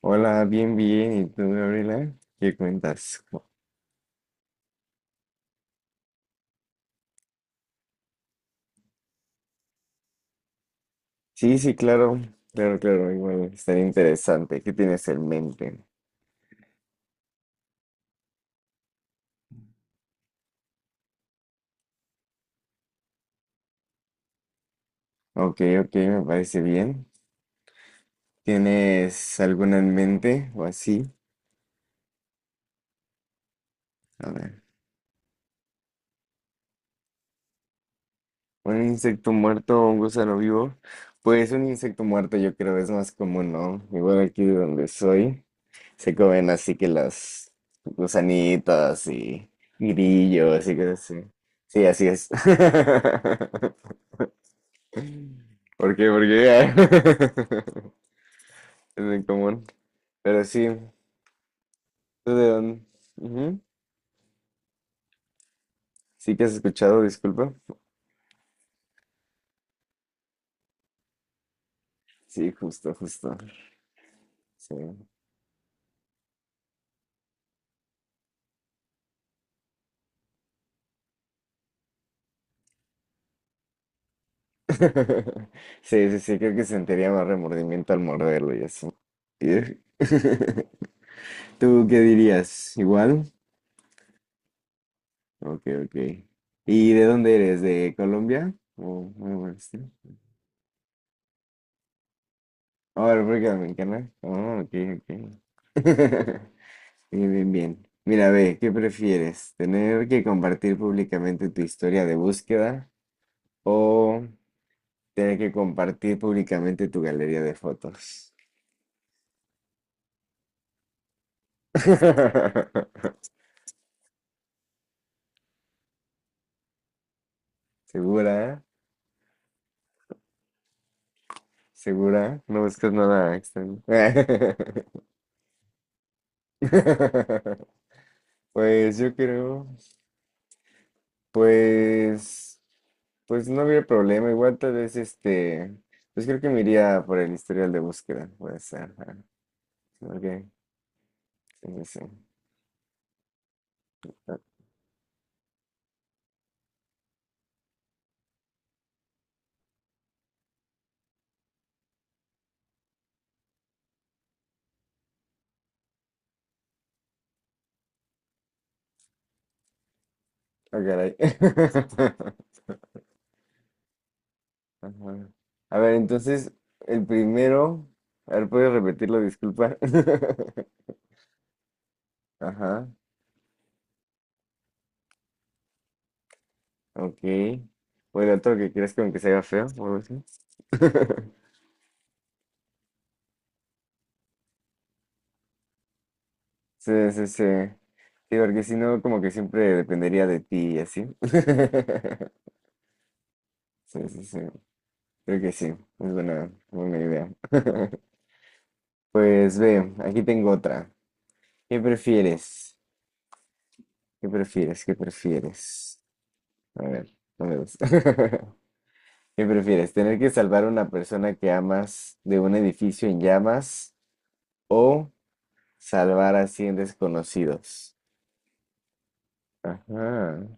Hola, bien, bien. ¿Y tú, Gabriela? ¿Qué cuentas? Sí, sí, claro, claro, claro. Igual estaría interesante. ¿Qué tienes en mente? Ok, ok, me parece bien. ¿Tienes alguna en mente o así? A ver. ¿Un insecto muerto o un gusano vivo? Pues un insecto muerto yo creo es más común, ¿no? Igual aquí de donde soy se comen así que las gusanitas y grillos y cosas así. Sí, así es. ¿Por qué? ¿Por qué? Es muy común. Pero sí, ¿tú de dónde? Ujú. Sí que has escuchado, disculpa. Sí, justo, justo. Sí. Sí, sí, sí, creo que sentiría más remordimiento al morderlo y así. Ugh. ¿Tú qué dirías? ¿Igual? Ok, ok. ¿Y de dónde eres? ¿De Colombia? ¿O algo por el estilo? Oh, ¿República Dominicana? Oh, ok, ok. Bien, bien, bien. Mira, ve, ¿qué prefieres? ¿Tener que compartir públicamente tu historia de búsqueda o tener que compartir públicamente tu galería de fotos? ¿Segura? ¿Segura? No buscas nada extraño. Pues yo creo, pues, pues no habría problema. Igual tal vez pues creo que me iría por el historial de búsqueda. Puede ser. Ajá. Ok, sí, sí, sí. Ah, caray. Ajá. A ver, entonces, el primero. A ver, ¿puedes repetirlo? Disculpa. Ajá, ok. O el otro que quieres como que se haga feo o algo así. Sí, sí, sí. Sí, porque si no, como que siempre dependería de ti y así. Sí, sí, sí. Creo que sí. Es buena, buena idea. Pues ve, aquí tengo otra. ¿Qué prefieres? ¿Qué prefieres? ¿Qué prefieres? A ver, no me gusta. ¿Qué prefieres? ¿Tener que salvar a una persona que amas de un edificio en llamas o salvar a 100 desconocidos? Ajá,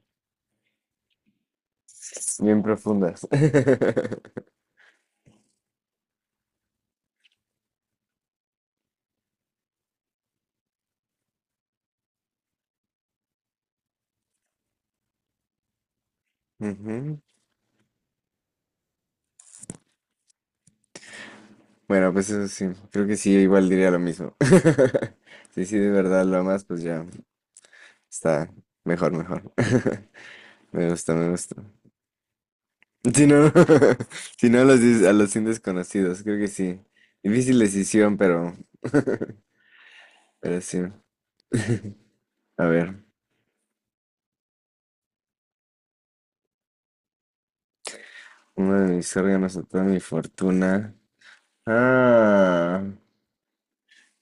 bien profundas. Ujú. Bueno, pues eso sí, creo que sí, yo igual diría lo mismo. Sí, sí, de verdad lo amas, pues ya está mejor, mejor. Me gusta, me gusta. Si no, si no a los, a los 100 desconocidos, creo que sí. Difícil decisión, pero sí. A ver, uno de mis órganos o toda mi fortuna. Ah,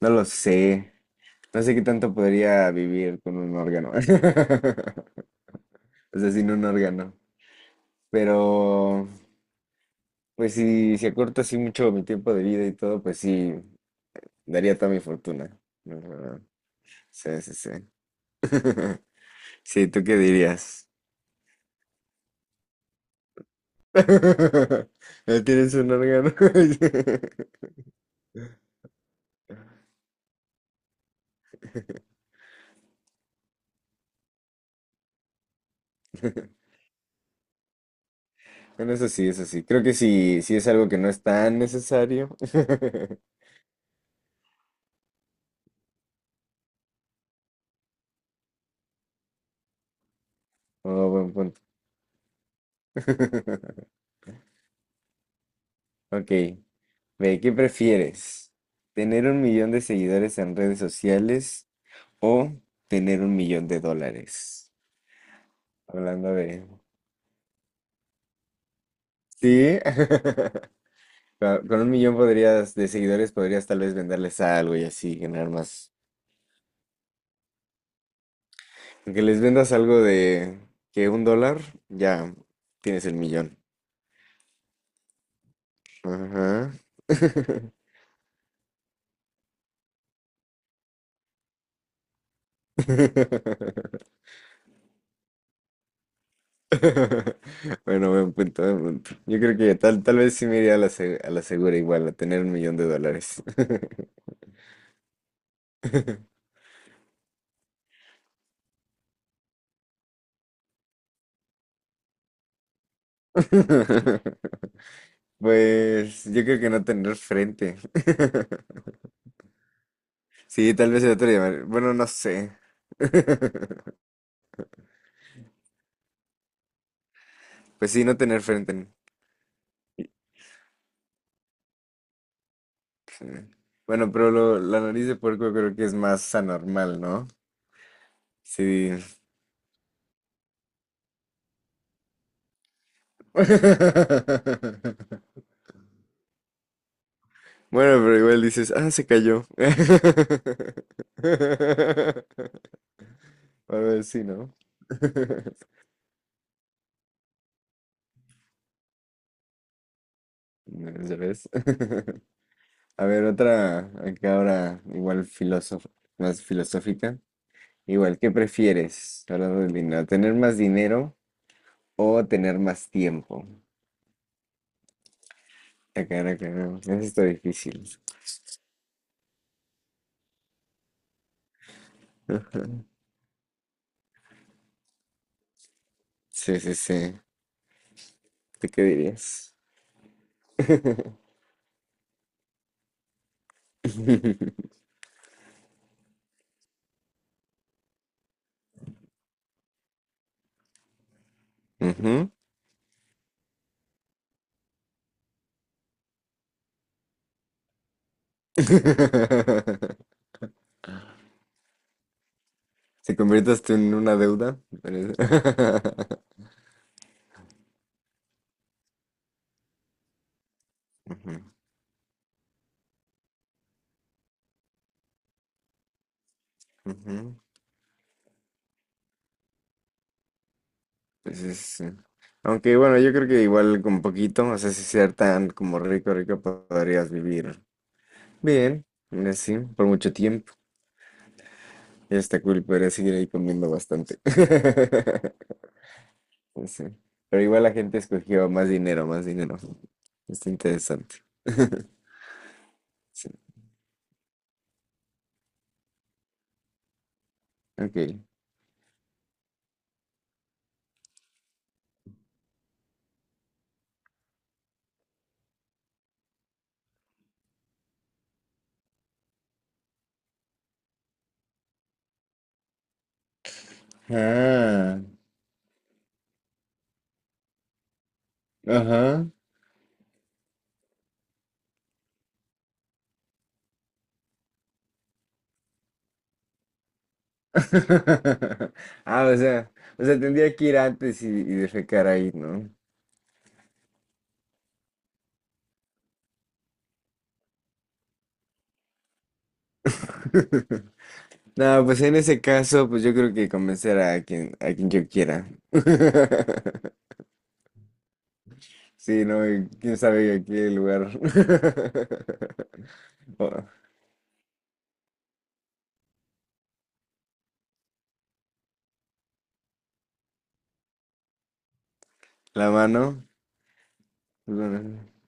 no lo sé. No sé qué tanto podría vivir con un órgano. O sea, sin un órgano. Pero, pues si acorto así mucho mi tiempo de vida y todo, pues sí, daría toda mi fortuna. La Sí, sí, sí. Sí, ¿tú qué dirías? ¿No tienes un órgano? Bueno, eso sí, eso sí. Creo que sí, sí es algo que no es tan necesario. Oh, buen punto. Ok, ve, ¿qué prefieres? ¿Tener un millón de seguidores en redes sociales o tener un millón de dólares? Hablando de. Sí, con un millón podrías, de seguidores podrías tal vez venderles algo y así ganar más. Aunque les vendas algo de que un dólar, ya tienes el millón. Ajá. Bueno, buen punto, buen punto. Yo creo que tal vez sí me iría a la, a la segura igual, a tener un millón de dólares. Pues yo creo que no tener frente. Sí, tal vez el otro día. Bueno, no sé. Pues sí, no tener frente. Bueno, pero la nariz de puerco creo que es más anormal, ¿no? Sí. Bueno, pero igual dices, ah, se cayó. A ver, sí, ¿no? Ya ves. A ver, otra, acá ahora igual filósofa, más filosófica. Igual, ¿qué prefieres hablando del dinero? ¿Tener más dinero o tener más tiempo? Acá, acá, no, eso está difícil. Ah, sí, sí, sí. ¿Tú qué dirías? Ujú. Se conviertas tú en una deuda. Ujú, ujú. Pues es, aunque bueno, yo creo que igual con poquito, o sea, si ser tan como rico, rico, podrías vivir bien, así, por mucho tiempo. Ya está cool, podrías seguir ahí comiendo bastante. Pues sí. Pero igual la gente escogió más dinero, más dinero. Está interesante. Sí, ok. Ah, ajá. Ah, o sea, tendría que ir antes y defecar ahí, ¿no? No, pues en ese caso, pues yo creo que convencer a quien, yo quiera. Sí, no, y quién sabe aquí el lugar. Oh, la mano.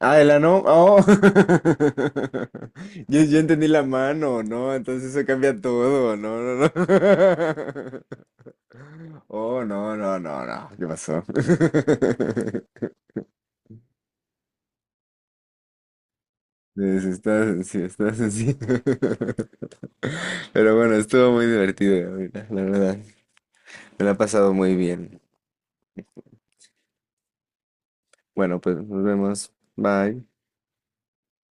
Ah, de la ano. Oh. Yo entendí la mano, ¿no? Entonces eso cambia todo, no, no, no. Oh, no, no, no, no. ¿Qué pasó? Sí, sí, estás así, estás así. Pero bueno, estuvo muy divertido, Gabriela, la verdad. Me la he pasado muy bien. Bueno, pues nos vemos. Bye.